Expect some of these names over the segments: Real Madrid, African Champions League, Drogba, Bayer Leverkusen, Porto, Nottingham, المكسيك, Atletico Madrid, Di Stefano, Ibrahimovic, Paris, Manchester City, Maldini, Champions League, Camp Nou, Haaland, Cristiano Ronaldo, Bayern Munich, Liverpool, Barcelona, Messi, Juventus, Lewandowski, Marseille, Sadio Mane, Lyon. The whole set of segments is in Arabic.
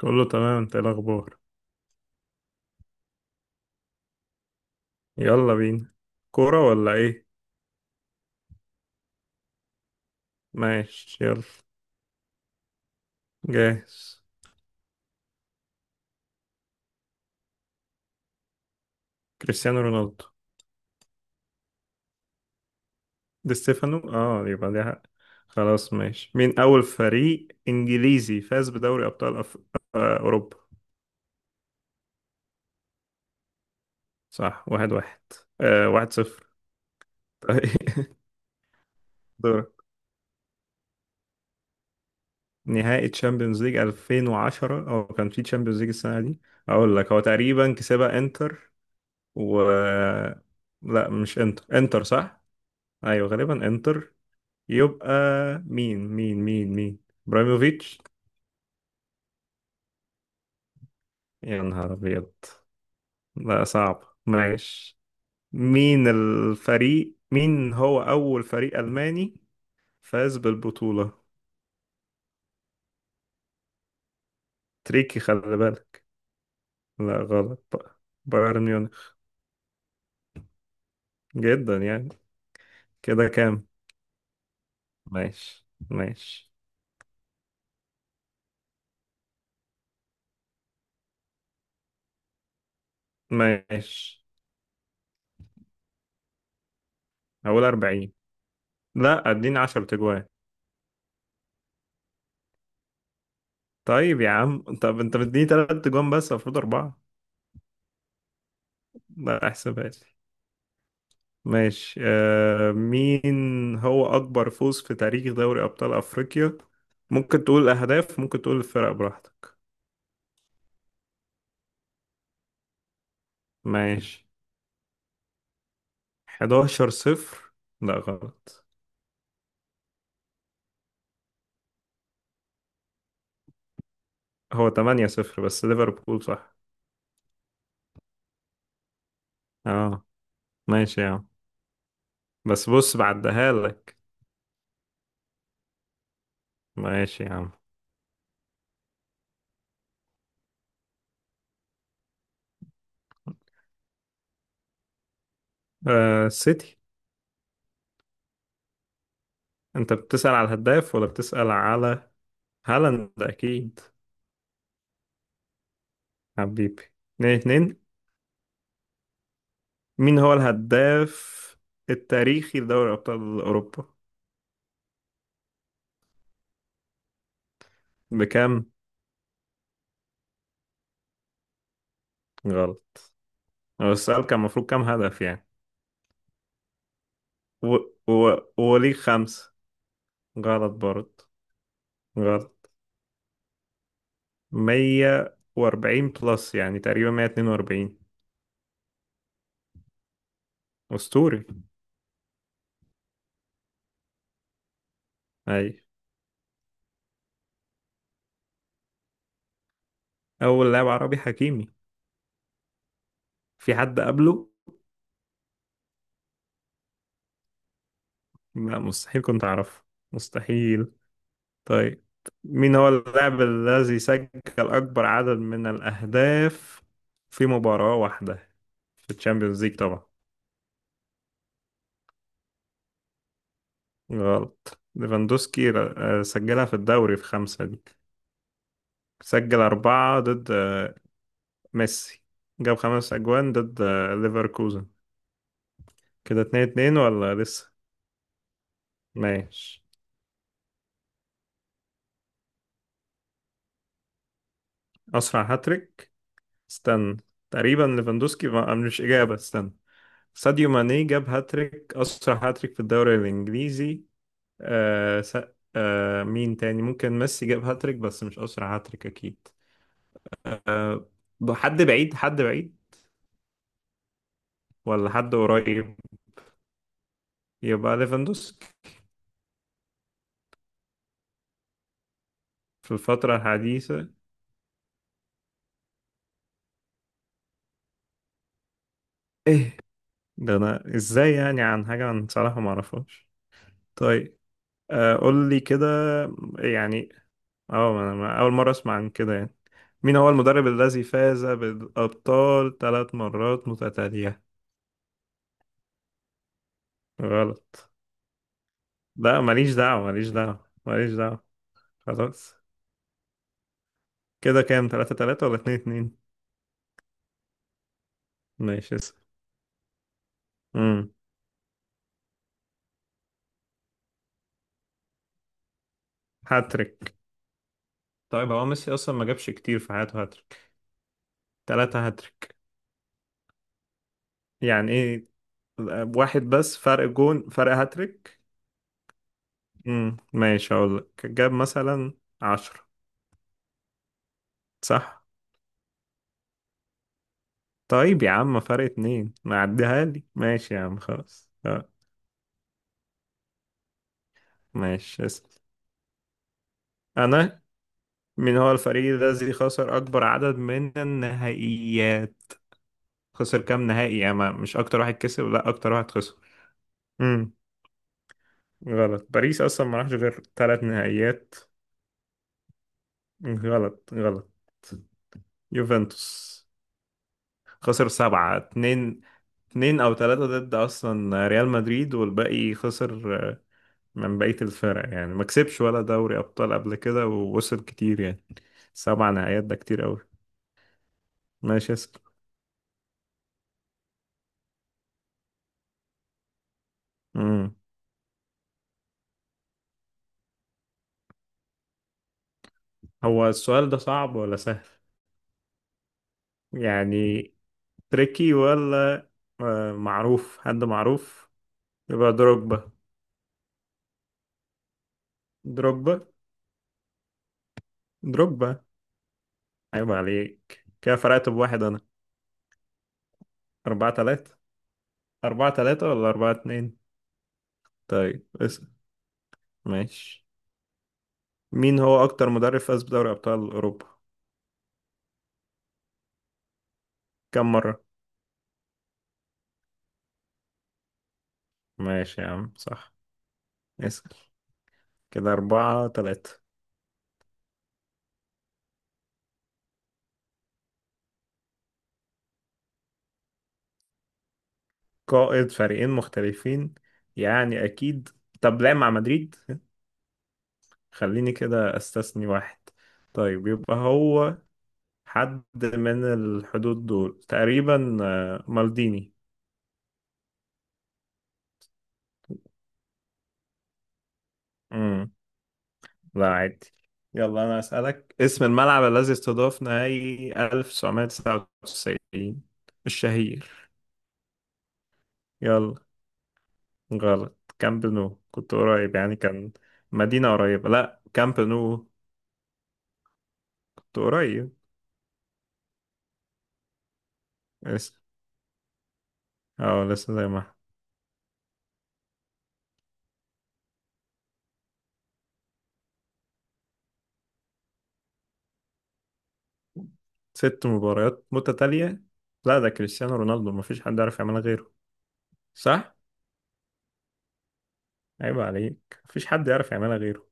كله تمام. انت ايه الاخبار؟ يلا بينا. كورة ولا ايه؟ ماشي يلا. جاهز. كريستيانو رونالدو. دي ستيفانو، اه، يبقى دي حق. خلاص ماشي، مين اول فريق انجليزي فاز بدوري ابطال أف... آه اوروبا؟ صح، واحد واحد. واحد صفر. طيب دورك. نهائي تشامبيونز ليج 2010، او كان في تشامبيونز ليج السنة دي؟ اقول لك، هو تقريبا كسبها انتر. و لا مش انتر. انتر صح. ايوه، غالبا انتر. يبقى مين ابراهيموفيتش. يا نهار ابيض! لا صعب، ماشي. مين الفريق، مين هو اول فريق الماني فاز بالبطولة؟ تريكي، خلي بالك. لا غلط، بقى بايرن ميونخ. جدا يعني. كده كام؟ ماشي ماشي ماشي. هقول 40. لا اديني 10 تجوان. طيب يا عم، طب انت مديني 3 تجوان بس المفروض اربعة. لا احسبها لي. ماشي. مين هو أكبر فوز في تاريخ دوري أبطال أفريقيا؟ ممكن تقول الأهداف، ممكن تقول الفرق، براحتك. ماشي. 11 صفر. لا غلط، هو 8 صفر، بس ليفربول صح. اه، ماشي يا عم. بس بص، بعدها لك. ماشي يا عم. سيتي. أنت بتسأل على الهداف ولا بتسأل على... هالاند أكيد. حبيبي. اتنين اتنين. مين هو الهداف التاريخي لدوري أبطال أوروبا؟ بكام؟ غلط. هو السؤال كان المفروض كام هدف يعني. و... و... وليه خمسة. غلط برضه. غلط. مية وأربعين بلس، يعني تقريبا مية اتنين وأربعين. أسطوري. أي، أول لاعب عربي، حكيمي. في حد قبله؟ لا مستحيل، كنت أعرفه. مستحيل. طيب، مين هو اللاعب الذي سجل أكبر عدد من الأهداف في مباراة واحدة؟ في الشامبيونز ليج طبعا. غلط، ليفاندوسكي سجلها في الدوري، في خمسة دي. سجل أربعة ضد ميسي. جاب خمس أجوان ضد ليفركوزن. كده اتنين اتنين ولا لسه؟ ماشي. أسرع هاتريك. استنى. تقريبا ليفاندوسكي ما مش إجابة، استنى. ساديو ماني جاب هاتريك أسرع هاتريك في الدوري الإنجليزي. آه س... آه مين تاني، ممكن ميسي جاب هاتريك بس مش أسرع هاتريك أكيد. آه حد بعيد، حد بعيد. ولا حد قريب؟ يبقى ليفاندوسكي. في الفترة الحديثة. ايه ده؟ انا ازاي يعني عن حاجة انا صراحة ما اعرفهاش. طيب، قول لي كده، يعني اه انا اول مرة اسمع عن كده يعني. مين هو المدرب الذي فاز بالابطال ثلاث مرات متتالية؟ غلط. لا ماليش دعوة، ماليش دعوة، ماليش دعوة. خلاص. كده كام، تلاتة تلاتة ولا اتنين اتنين؟ ماشي اسأل. امم هاتريك؟ طيب هو ميسي اصلا ما جابش كتير في حياته هاتريك. تلاتة هاتريك؟ يعني ايه؟ واحد بس فرق جون، فرق هاتريك. ماشي، اقول لك جاب مثلا عشرة. صح. طيب يا عم فرق اتنين ما عديها لي، ماشي يا عم خلاص، اه. ماشي اسأل. انا، من هو الفريق الذي خسر اكبر عدد من النهائيات؟ خسر كام نهائي، يا ما، مش اكتر واحد كسب، لا اكتر واحد خسر. امم غلط، باريس اصلا ما راحش غير ثلاث نهائيات. غلط، غلط. يوفنتوس. خسر سبعة، اتنين، اتنين أو تلاتة ضد أصلا ريال مدريد، والباقي خسر من بقية الفرق يعني، ما كسبش ولا دوري أبطال قبل كده ووصل كتير يعني. سبع نهائيات، ده كتير أوي. ماشي اسأل. مم. هو السؤال ده صعب ولا سهل؟ يعني تريكي ولا معروف، حد معروف؟ يبقى دروجبا. دروجبا. دروجبا. عيب عليك كده، فرقت بواحد أنا. أربعة تلاتة. أربعة تلاتة ولا أربعة اتنين؟ طيب اسأل. ماشي، مين هو أكتر مدرب فاز بدوري أبطال أوروبا؟ كم مرة؟ ماشي يا عم صح. اسأل. كده أربعة تلاتة. قائد فريقين مختلفين؟ يعني أكيد. طب لعب مع مدريد؟ خليني كده أستثني واحد. طيب يبقى هو حد من الحدود دول تقريبا، مالديني. مم. لا عادي. يلا أنا أسألك، اسم الملعب الذي استضاف نهائي 1999 الشهير. يلا. غلط، كامب نو كنت قريب يعني، كان مدينة قريبة، لا كامب نو. كنت قريب. اه، لسه زي ما احنا. ست مباريات متتالية؟ لا، ده كريستيانو رونالدو، مفيش حد يعرف يعملها غيره. صح؟ عيب عليك، مفيش حد يعرف يعملها غيره.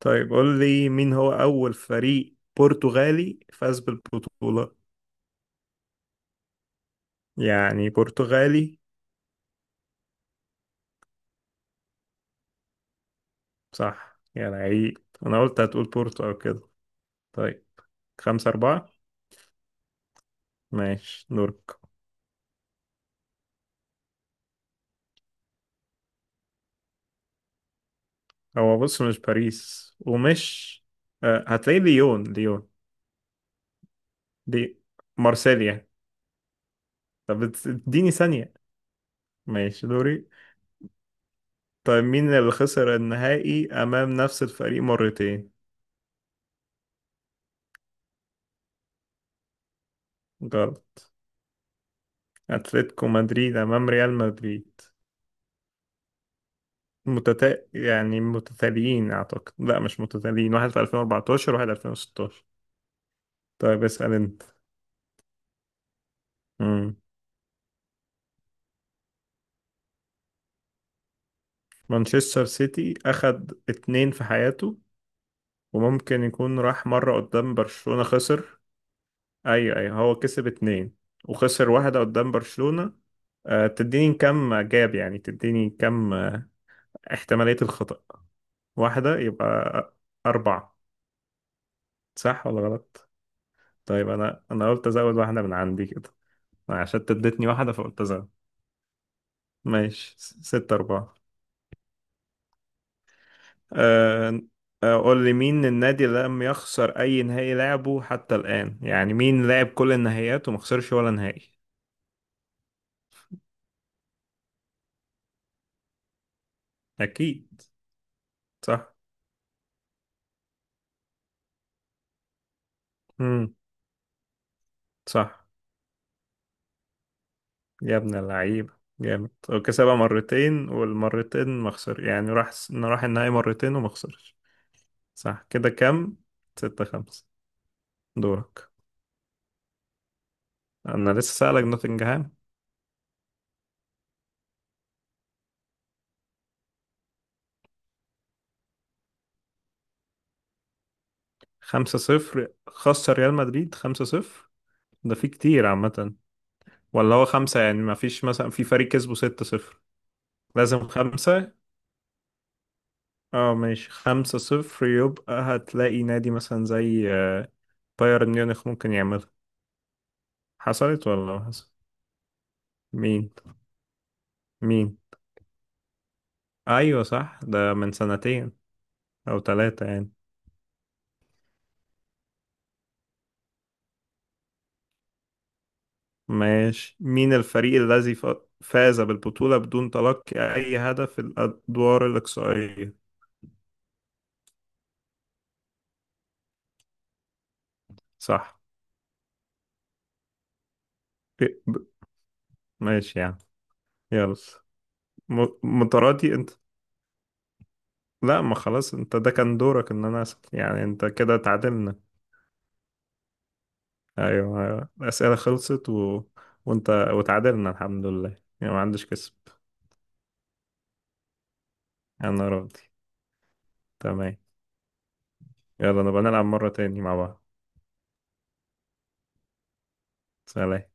طيب قول لي مين هو أول فريق برتغالي فاز بالبطولة. يعني برتغالي. صح يا لعيب. أنا قلت هتقول بورتو أو كده. طيب. خمسة أربعة. ماشي دورك. هو بص، مش باريس ومش... هتلاقي ليون، ليون. دي. مارسيليا. طب اديني ثانية. ماشي دوري. طيب مين اللي خسر النهائي أمام نفس الفريق مرتين؟ غلط. أتلتيكو مدريد أمام ريال مدريد. يعني متتاليين أعتقد، لا مش متتاليين، واحد في 2014 وواحد 2016. طيب اسأل أنت. مم. مانشستر سيتي أخد اتنين في حياته، وممكن يكون راح مرة قدام برشلونة خسر. أيوة أيوة، هو كسب اتنين وخسر واحدة قدام برشلونة. أه، تديني كم جاب يعني، تديني كم احتمالية الخطأ. واحدة يبقى أربعة. صح ولا غلط؟ طيب أنا قلت أزود واحدة من عندي كده، عشان أنت اديتني واحدة فقلت أزود. ماشي ستة أربعة. أه... آه، قول لي مين النادي اللي لم يخسر أي نهائي لعبه حتى الآن، يعني مين لعب كل النهائيات وما خسرش ولا نهائي. أكيد. صح. مم. صح. يا ابن اللعيبة! جامد، وكسبها مرتين والمرتين ما خسر، يعني راح النهائي مرتين وما خسرش. صح كده كام؟ ستة خمسة. دورك. انا لسه سألك نوتنجهام. 5-0؟ خسر ريال مدريد 5-0؟ ده في كتير عامة. ولا هو خمسة يعني، ما فيش مثلا في فريق كسبه 6-0؟ لازم خمسة. اه ماشي 5-0. يبقى هتلاقي نادي مثلا زي بايرن ميونخ ممكن يعملها. حصلت ولا ما حصل؟ مين؟ مين؟ ايوه صح، ده من سنتين او ثلاثة يعني. ماشي، مين الفريق الذي فاز بالبطولة بدون تلقي أي هدف في الأدوار الإقصائية؟ صح. ب- ب- ماشي يعني. يلا، م- متراتي انت. لا، ما خلاص، انت ده كان دورك ان انا اسال يعني، انت كده تعادلنا. ايوه ايوه، الاسئله خلصت وانت وتعادلنا الحمد لله يعني ما عندش كسب. انا راضي. تمام. يلا نبقى نلعب مره تاني مع بعض. سلام.